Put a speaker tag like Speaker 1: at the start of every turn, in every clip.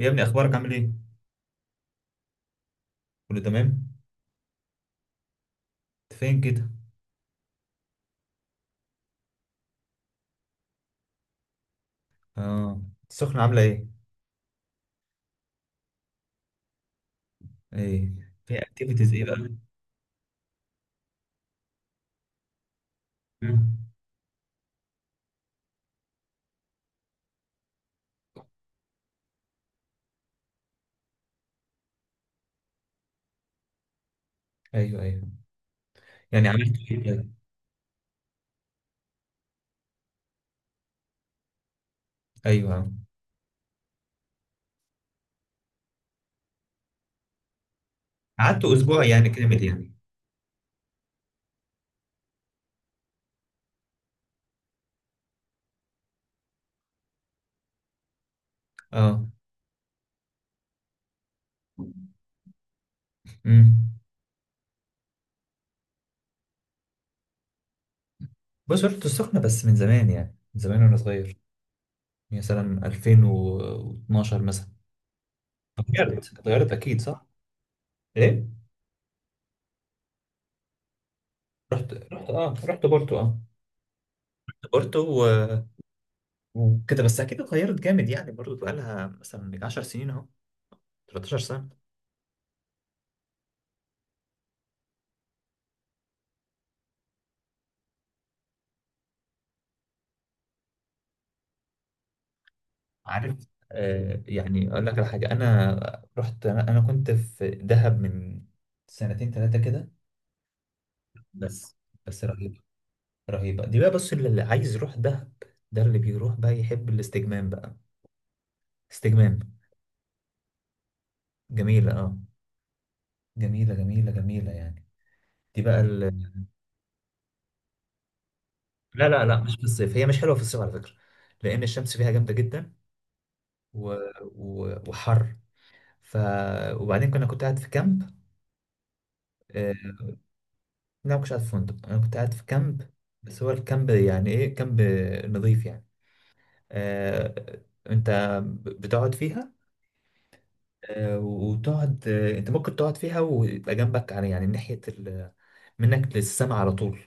Speaker 1: يا ابني، اخبارك عامل ايه؟ كله تمام. انت فين كده؟ اه. السخنة عاملة ايه؟ ايه؟ في اكتيفيتيز ايه بقى؟ مم. ايوه، ايوه. يعني عملت ايه طيب؟ ايوه، آه. قعدت اسبوع يعني كامل يعني؟ اه. امم. بص، رحت السخنة بس من زمان، يعني من زمان وانا صغير. يعني مثلا 2012 مثلا. اتغيرت، اتغيرت اكيد، صح؟ ايه. رحت بورتو، اه. بورتو و- وكده بس. اكيد اتغيرت جامد، يعني برضه بقى لها مثلا 10 سنين اهو، 13 سنة. عارف، يعني اقول لك على حاجه. انا رحت انا أنا كنت في دهب من سنتين ثلاثه كده. بس بس رهيبه. رهيبه دي بقى. بص، اللي عايز يروح دهب ده اللي بيروح بقى، يحب الاستجمام بقى. استجمام. جميله، اه، جميله، جميله، جميله يعني. دي بقى ال... لا، لا، لا، مش في الصيف. هي مش حلوه في الصيف على فكره، لان الشمس فيها جامده جدا و... وحر. ف وبعدين كنت قاعد في كامب، آه، لا، ما كنتش قاعد في فندق، انا كنت قاعد في كامب. بس هو الكامب يعني ايه؟ كامب نظيف يعني. آه. انت بتقعد فيها. آه، وتقعد، انت ممكن تقعد فيها ويبقى جنبك على، يعني، ناحية منك للسما على طول.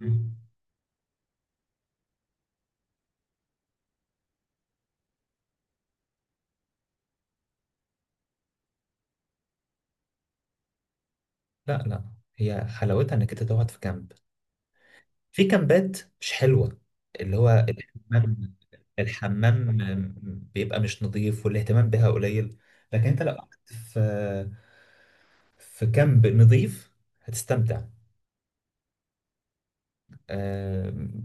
Speaker 1: مم. لا، لا، هي حلاوتها انك انت تقعد في كامب. في كامبات مش حلوة، اللي هو الحمام، الحمام بيبقى مش نظيف والاهتمام بها قليل. لكن انت لو قعدت في كامب نظيف هتستمتع. آم،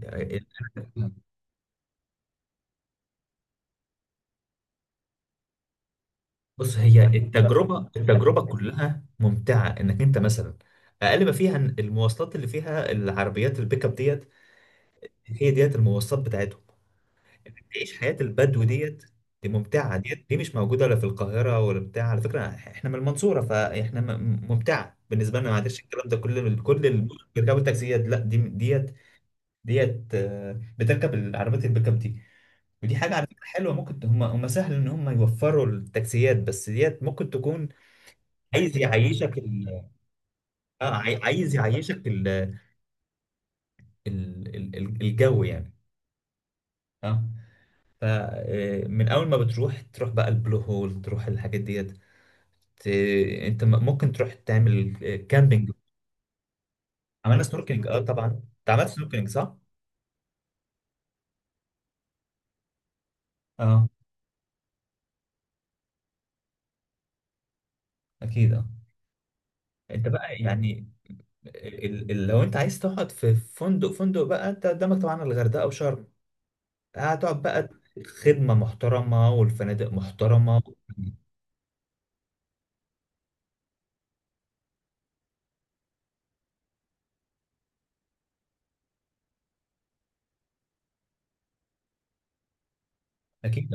Speaker 1: بص، هي التجربة، التجربة كلها ممتعة انك انت مثلا. اقل ما فيها إن المواصلات اللي فيها العربيات البيك اب ديت، هي ديت المواصلات بتاعتهم. تعيش حياة البدو ديت، دي ممتعة ديت، دي مش موجودة لا في القاهرة ولا بتاع. على فكرة احنا من المنصورة، فاحنا ممتعة بالنسبة لنا، معلش الكلام ده كل بيركبوا التاكسيات، لا، دي ديت. ديت، بتركب العربيات البيك اب دي. ودي حاجة على فكرة حلوة، ممكن هم سهل ان هم يوفروا التاكسيات، بس ديت ممكن تكون. عايز يعيشك ال... عايز يعيشك الجو يعني. اه. فمن اول ما بتروح، تروح بقى البلو هول، تروح الحاجات ديت. ت- انت ممكن تروح تعمل كامبينج. عملنا سنوركلينج، اه، طبعا. انت عملت سنوركلينج، صح؟ اه. اكيد، اه. انت بقى يعني، لو انت عايز تقعد في فندق، فندق بقى انت قدامك طبعا الغردقه وشرم. هتقعد بقى خدمه محترمه والفنادق محترمه. اكيد.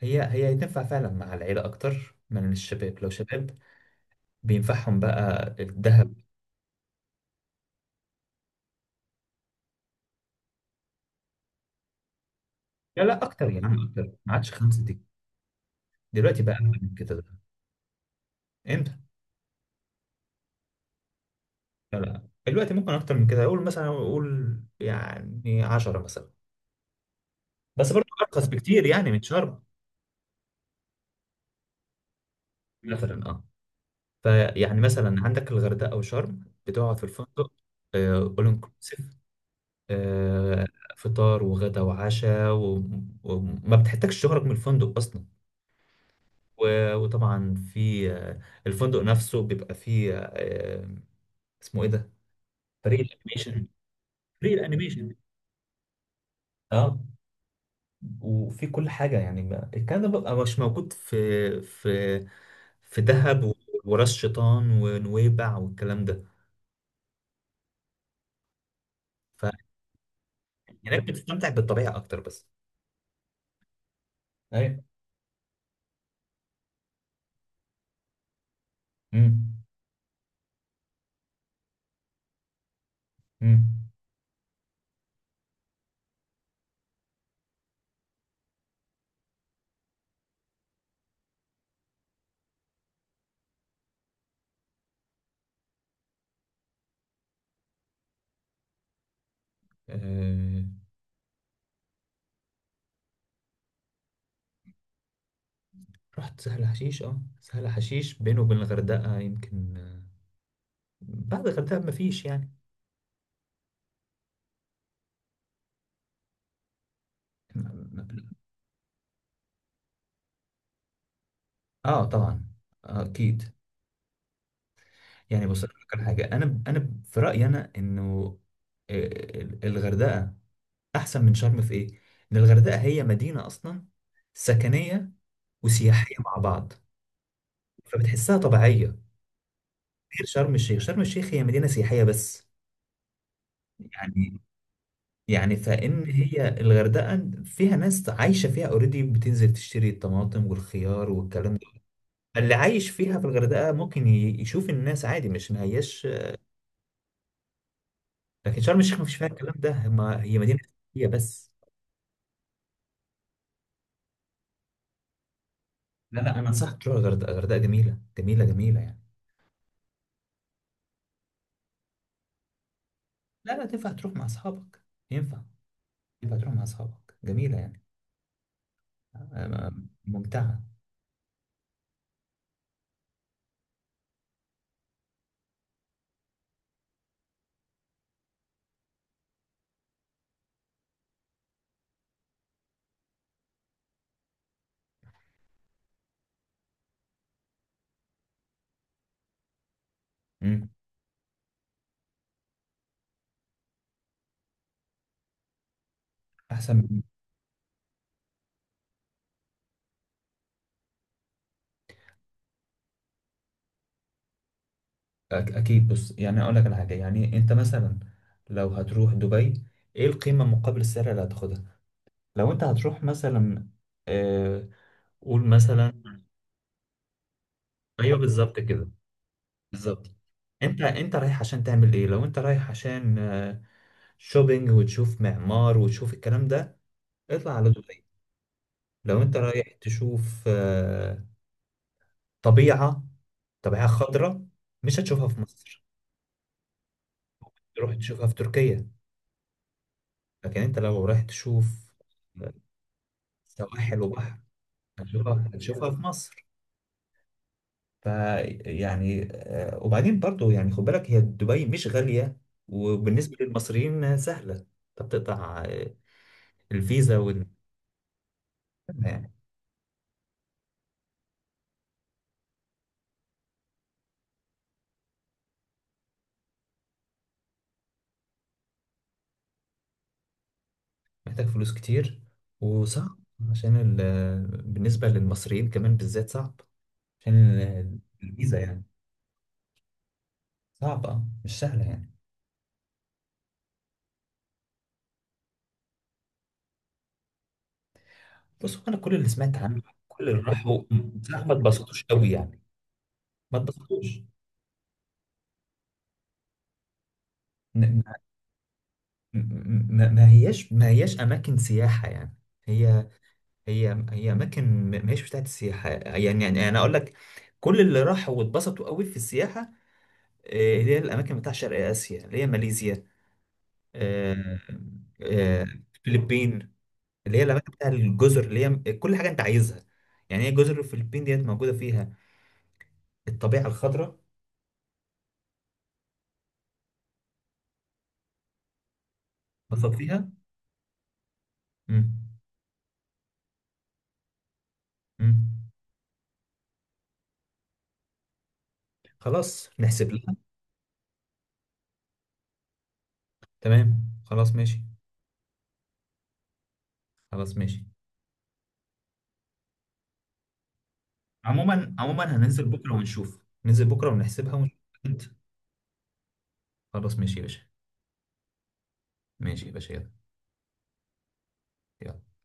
Speaker 1: هي تنفع فعلا مع العيله اكتر من الشباب. لو شباب، بينفعهم بقى الذهب. لا، لا، اكتر يا عم، اكتر، ما عادش خمسه دي. دلوقتي بقى أقل من كده ده. انت. لا، لا، دلوقتي ممكن اكتر من كده، اقول مثلا، اقول يعني 10 مثلا. بس برضه ارخص بكتير يعني من شرم. مثلا، اه. فيعني مثلا عندك الغردقه او شرم بتقعد في الفندق. اول انكلوسيف. فطار وغدا وعشاء وما بتحتاجش تخرج من الفندق اصلا. و- وطبعا في، الفندق نفسه بيبقى فيه، اسمه ايه ده؟ فريق الانيميشن، فريق الانيميشن. اه. وفي كل حاجة يعني، الكلام ده بقى مش موجود في في دهب وراس شيطان ونويبع والكلام ده. فهناك بتستمتع بالطبيعة أكتر بس. أيوة. امم. امم. آه. رحت سهل حشيش، اه، سهل حشيش بينه وبين الغردقة يمكن، بعد الغردقة مفيش يعني. اه، طبعا. آه، اكيد. يعني بص، أقول لك على حاجه. انا في رايي انا انه، آه، الغردقه احسن من شرم في ايه؟ ان الغردقه هي مدينه اصلا سكنيه وسياحيه مع بعض، فبتحسها طبيعيه. غير شرم الشيخ. شرم الشيخ هي مدينه سياحيه بس يعني. يعني فان هي الغردقه فيها ناس عايشه فيها اوريدي، بتنزل تشتري الطماطم والخيار والكلام ده. اللي عايش فيها في الغردقه ممكن يشوف الناس عادي، مش ما هياش. لكن شرم الشيخ ما فيش فيها الكلام ده، ما هي مدينه سياحيه بس. لا، لا، انا انصحك تروح الغردقه. الغردقه جميله، جميله، جميله يعني. لا، لا، تنفع تروح مع اصحابك. ينفع، يبقى تروح مع اصحابك جميله يعني. آه، ممتعه. مم. احسن من- اكيد، بص يعني اقول لك على حاجه، يعني انت مثلا لو هتروح دبي، ايه القيمه مقابل السعر اللي هتاخدها؟ لو انت هتروح مثلا، آه قول مثلا. ايوه، بالظبط كده، بالظبط. انت رايح عشان تعمل ايه؟ لو انت رايح عشان، شوبينج وتشوف معمار وتشوف الكلام ده، اطلع على دبي. لو انت رايح تشوف، طبيعة، طبيعة خضراء، مش هتشوفها في مصر، تروح تشوفها في تركيا. لكن انت لو رايح تشوف سواحل وبحر، هتشوفها، هتشوفها في مصر فيعني. وبعدين برضو يعني خد بالك، هي دبي مش غالية وبالنسبة للمصريين سهلة، انت بتقطع الفيزا يعني. محتاج فلوس كتير وصعب، عشان ال... آه، بالنسبة للمصريين كمان بالذات صعب، عشان الفيزا يعني. صعبة مش سهلة يعني. بص هو، انا كل اللي سمعت عنه، كل اللي راحوا بصراحه ما اتبسطوش قوي يعني. ما اتبسطوش. ن- ما هياش اماكن سياحه يعني. هي، هي اماكن، ما هيش بتاعت السياحه يعني. يعني انا اقول لك، كل اللي راحوا واتبسطوا قوي في السياحه، اللي هي الاماكن بتاع شرق اسيا، اللي هي ماليزيا، آه، آه، الفلبين، اللي هي الاماكن بتاع الجزر اللي هي كل حاجه انت عايزها يعني. هي جزر الفلبين ديت موجوده فيها الطبيعه الخضراء. بسط فيها. مم. مم. خلاص نحسب لها. تمام، خلاص، ماشي. خلاص، ماشي. عموما هننزل بكره ونشوف، ننزل بكرة ونحسبها ونشوف. انت. خلاص ماشي يا باشا. ماشي يا باشا، يلا. يلا.